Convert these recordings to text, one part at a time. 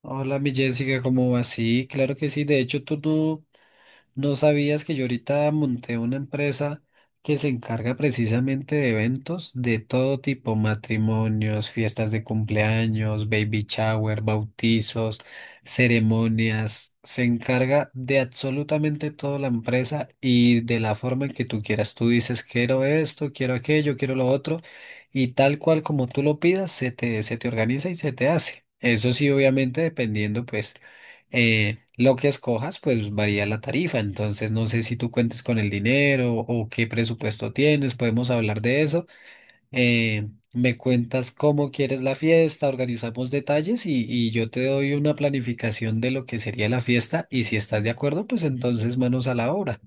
Hola, mi Jessica, ¿cómo vas? Sí, claro que sí. De hecho, ¿no sabías que yo ahorita monté una empresa que se encarga precisamente de eventos de todo tipo, matrimonios, fiestas de cumpleaños, baby shower, bautizos, ceremonias? Se encarga de absolutamente toda la empresa y de la forma en que tú quieras. Tú dices, quiero esto, quiero aquello, quiero lo otro, y tal cual como tú lo pidas, se te organiza y se te hace. Eso sí, obviamente, dependiendo, pues lo que escojas, pues varía la tarifa. Entonces, no sé si tú cuentes con el dinero o qué presupuesto tienes, podemos hablar de eso. Eh, Me cuentas cómo quieres la fiesta, organizamos detalles y yo te doy una planificación de lo que sería la fiesta y si estás de acuerdo, pues entonces manos a la obra.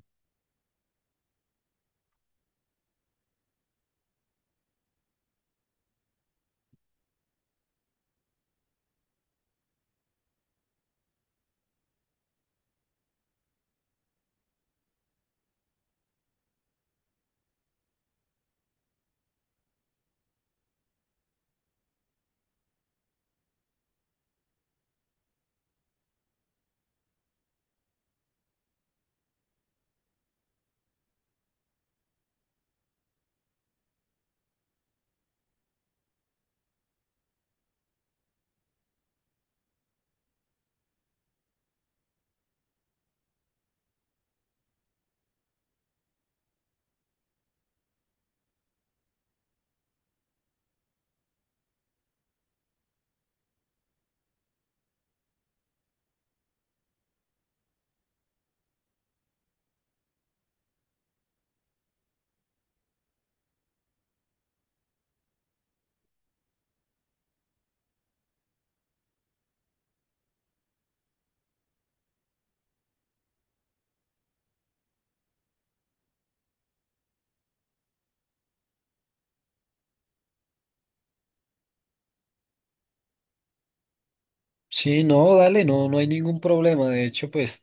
Sí, no, dale, no, no hay ningún problema. De hecho, pues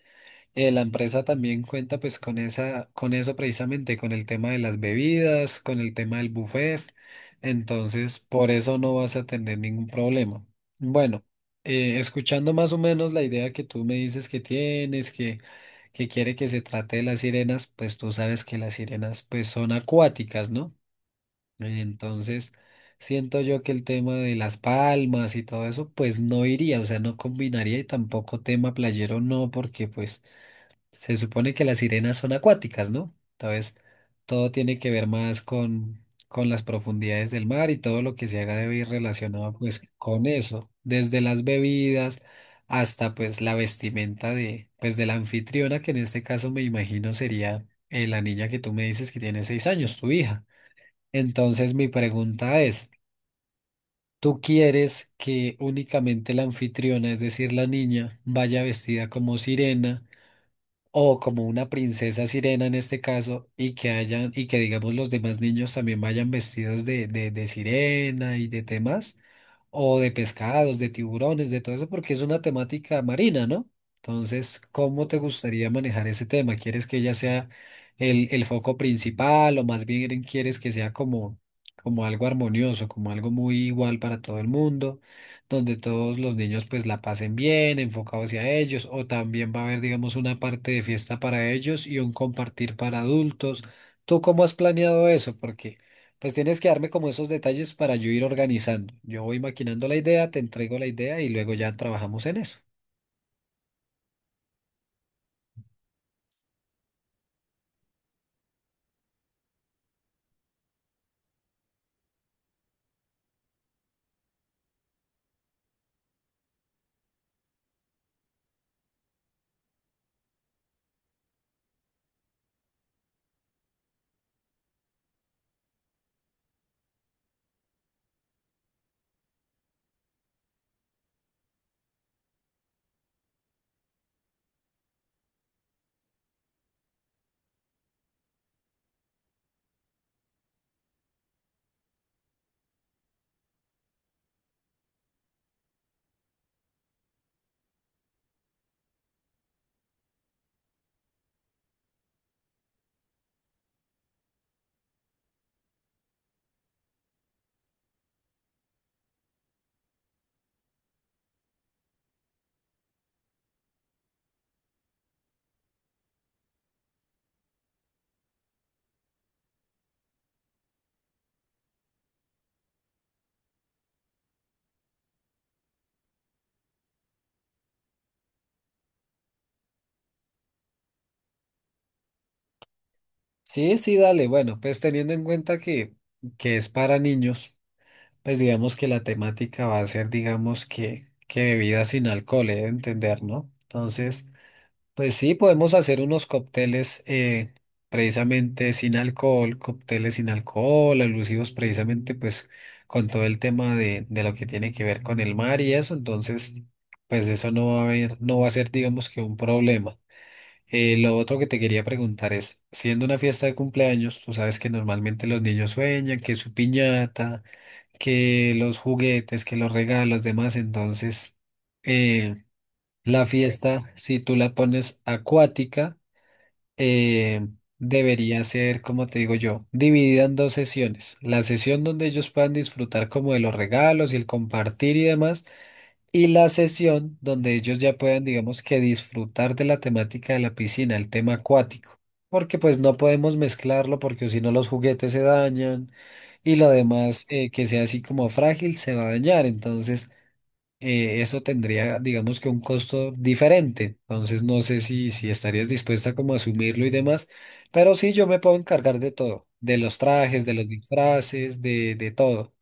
la empresa también cuenta pues con esa, con eso precisamente, con el tema de las bebidas, con el tema del buffet. Entonces, por eso no vas a tener ningún problema. Bueno, escuchando más o menos la idea que tú me dices que tienes, que quiere que se trate de las sirenas, pues tú sabes que las sirenas pues son acuáticas, ¿no? Entonces, siento yo que el tema de las palmas y todo eso, pues no iría, o sea, no combinaría y tampoco tema playero no, porque pues se supone que las sirenas son acuáticas, ¿no? Entonces, todo tiene que ver más con las profundidades del mar y todo lo que se haga debe ir relacionado pues con eso, desde las bebidas hasta pues la vestimenta de, pues de la anfitriona, que en este caso me imagino sería la niña que tú me dices que tiene 6 años, tu hija. Entonces mi pregunta es, ¿tú quieres que únicamente la anfitriona, es decir, la niña, vaya vestida como sirena o como una princesa sirena en este caso y que hayan y que digamos los demás niños también vayan vestidos de sirena y de temas, o de pescados, de tiburones, de todo eso, porque es una temática marina, ¿no? Entonces, ¿cómo te gustaría manejar ese tema? ¿Quieres que ella sea el foco principal o más bien quieres que sea como, como algo armonioso, como algo muy igual para todo el mundo, donde todos los niños pues la pasen bien, enfocados hacia ellos, o también va a haber, digamos, una parte de fiesta para ellos y un compartir para adultos? ¿Tú cómo has planeado eso? Porque pues tienes que darme como esos detalles para yo ir organizando. Yo voy maquinando la idea, te entrego la idea y luego ya trabajamos en eso. Sí, sí, dale. Bueno, pues teniendo en cuenta que es para niños, pues digamos que la temática va a ser, digamos que bebidas sin alcohol, he de entender, ¿no? Entonces, pues sí, podemos hacer unos cócteles precisamente sin alcohol, cócteles sin alcohol, alusivos precisamente pues con todo el tema de lo que tiene que ver con el mar y eso, entonces pues eso no va a haber, no va a ser digamos que un problema. Lo otro que te quería preguntar es, siendo una fiesta de cumpleaños, tú sabes que normalmente los niños sueñan que su piñata, que los juguetes, que los regalos, demás, entonces... Eh, la fiesta, si tú la pones acuática, eh, debería ser, como te digo yo, dividida en dos sesiones. La sesión donde ellos puedan disfrutar como de los regalos y el compartir y demás, y la sesión donde ellos ya puedan, digamos que disfrutar de la temática de la piscina, el tema acuático. Porque pues no podemos mezclarlo porque si no los juguetes se dañan y lo demás que sea así como frágil se va a dañar. Entonces eso tendría, digamos que un costo diferente. Entonces no sé si, si estarías dispuesta como a asumirlo y demás, pero sí yo me puedo encargar de todo, de los trajes, de los disfraces, de todo.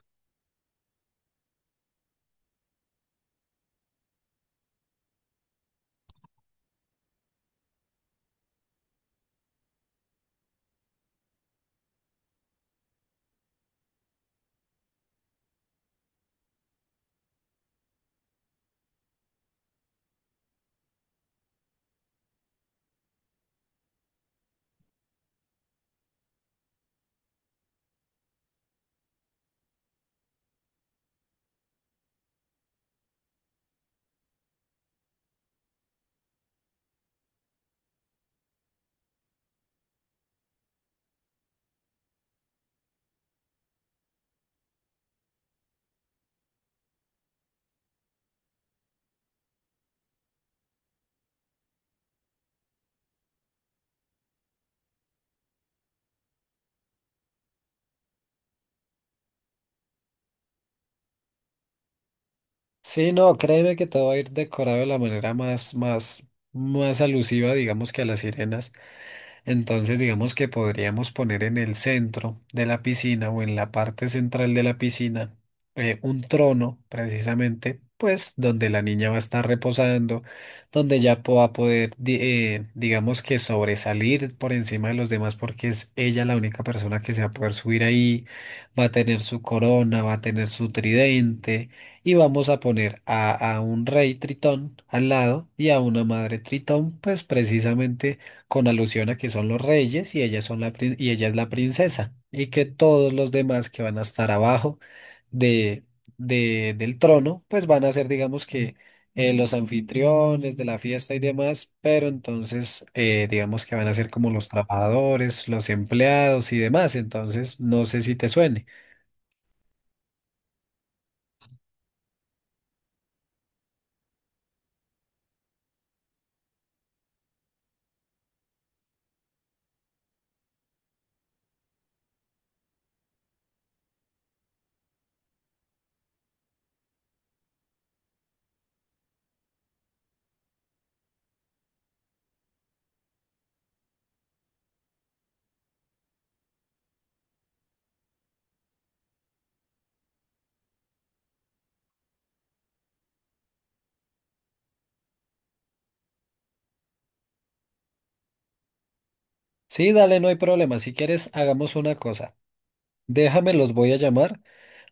Sí, no, créeme que todo va a ir decorado de la manera más, más, más alusiva, digamos que a las sirenas. Entonces, digamos que podríamos poner en el centro de la piscina o en la parte central de la piscina un trono, precisamente, pues donde la niña va a estar reposando, donde ya va a poder, digamos que sobresalir por encima de los demás porque es ella la única persona que se va a poder subir ahí, va a tener su corona, va a tener su tridente y vamos a poner a un rey tritón al lado y a una madre tritón, pues precisamente con alusión a que son los reyes y ella, son y ella es la princesa, y que todos los demás que van a estar abajo de, del trono, pues van a ser, digamos que, los anfitriones de la fiesta y demás, pero entonces, digamos que van a ser como los trabajadores, los empleados y demás, entonces no sé si te suene. Sí, dale, no hay problema, si quieres, hagamos una cosa. Déjame, los voy a llamar.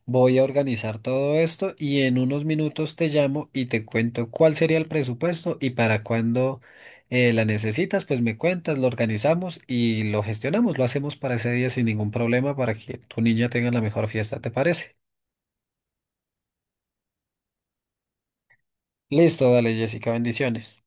Voy a organizar todo esto y en unos minutos te llamo y te cuento cuál sería el presupuesto y para cuándo la necesitas, pues me cuentas, lo organizamos y lo gestionamos, lo hacemos para ese día sin ningún problema para que tu niña tenga la mejor fiesta, ¿te parece? Listo, dale Jessica, bendiciones.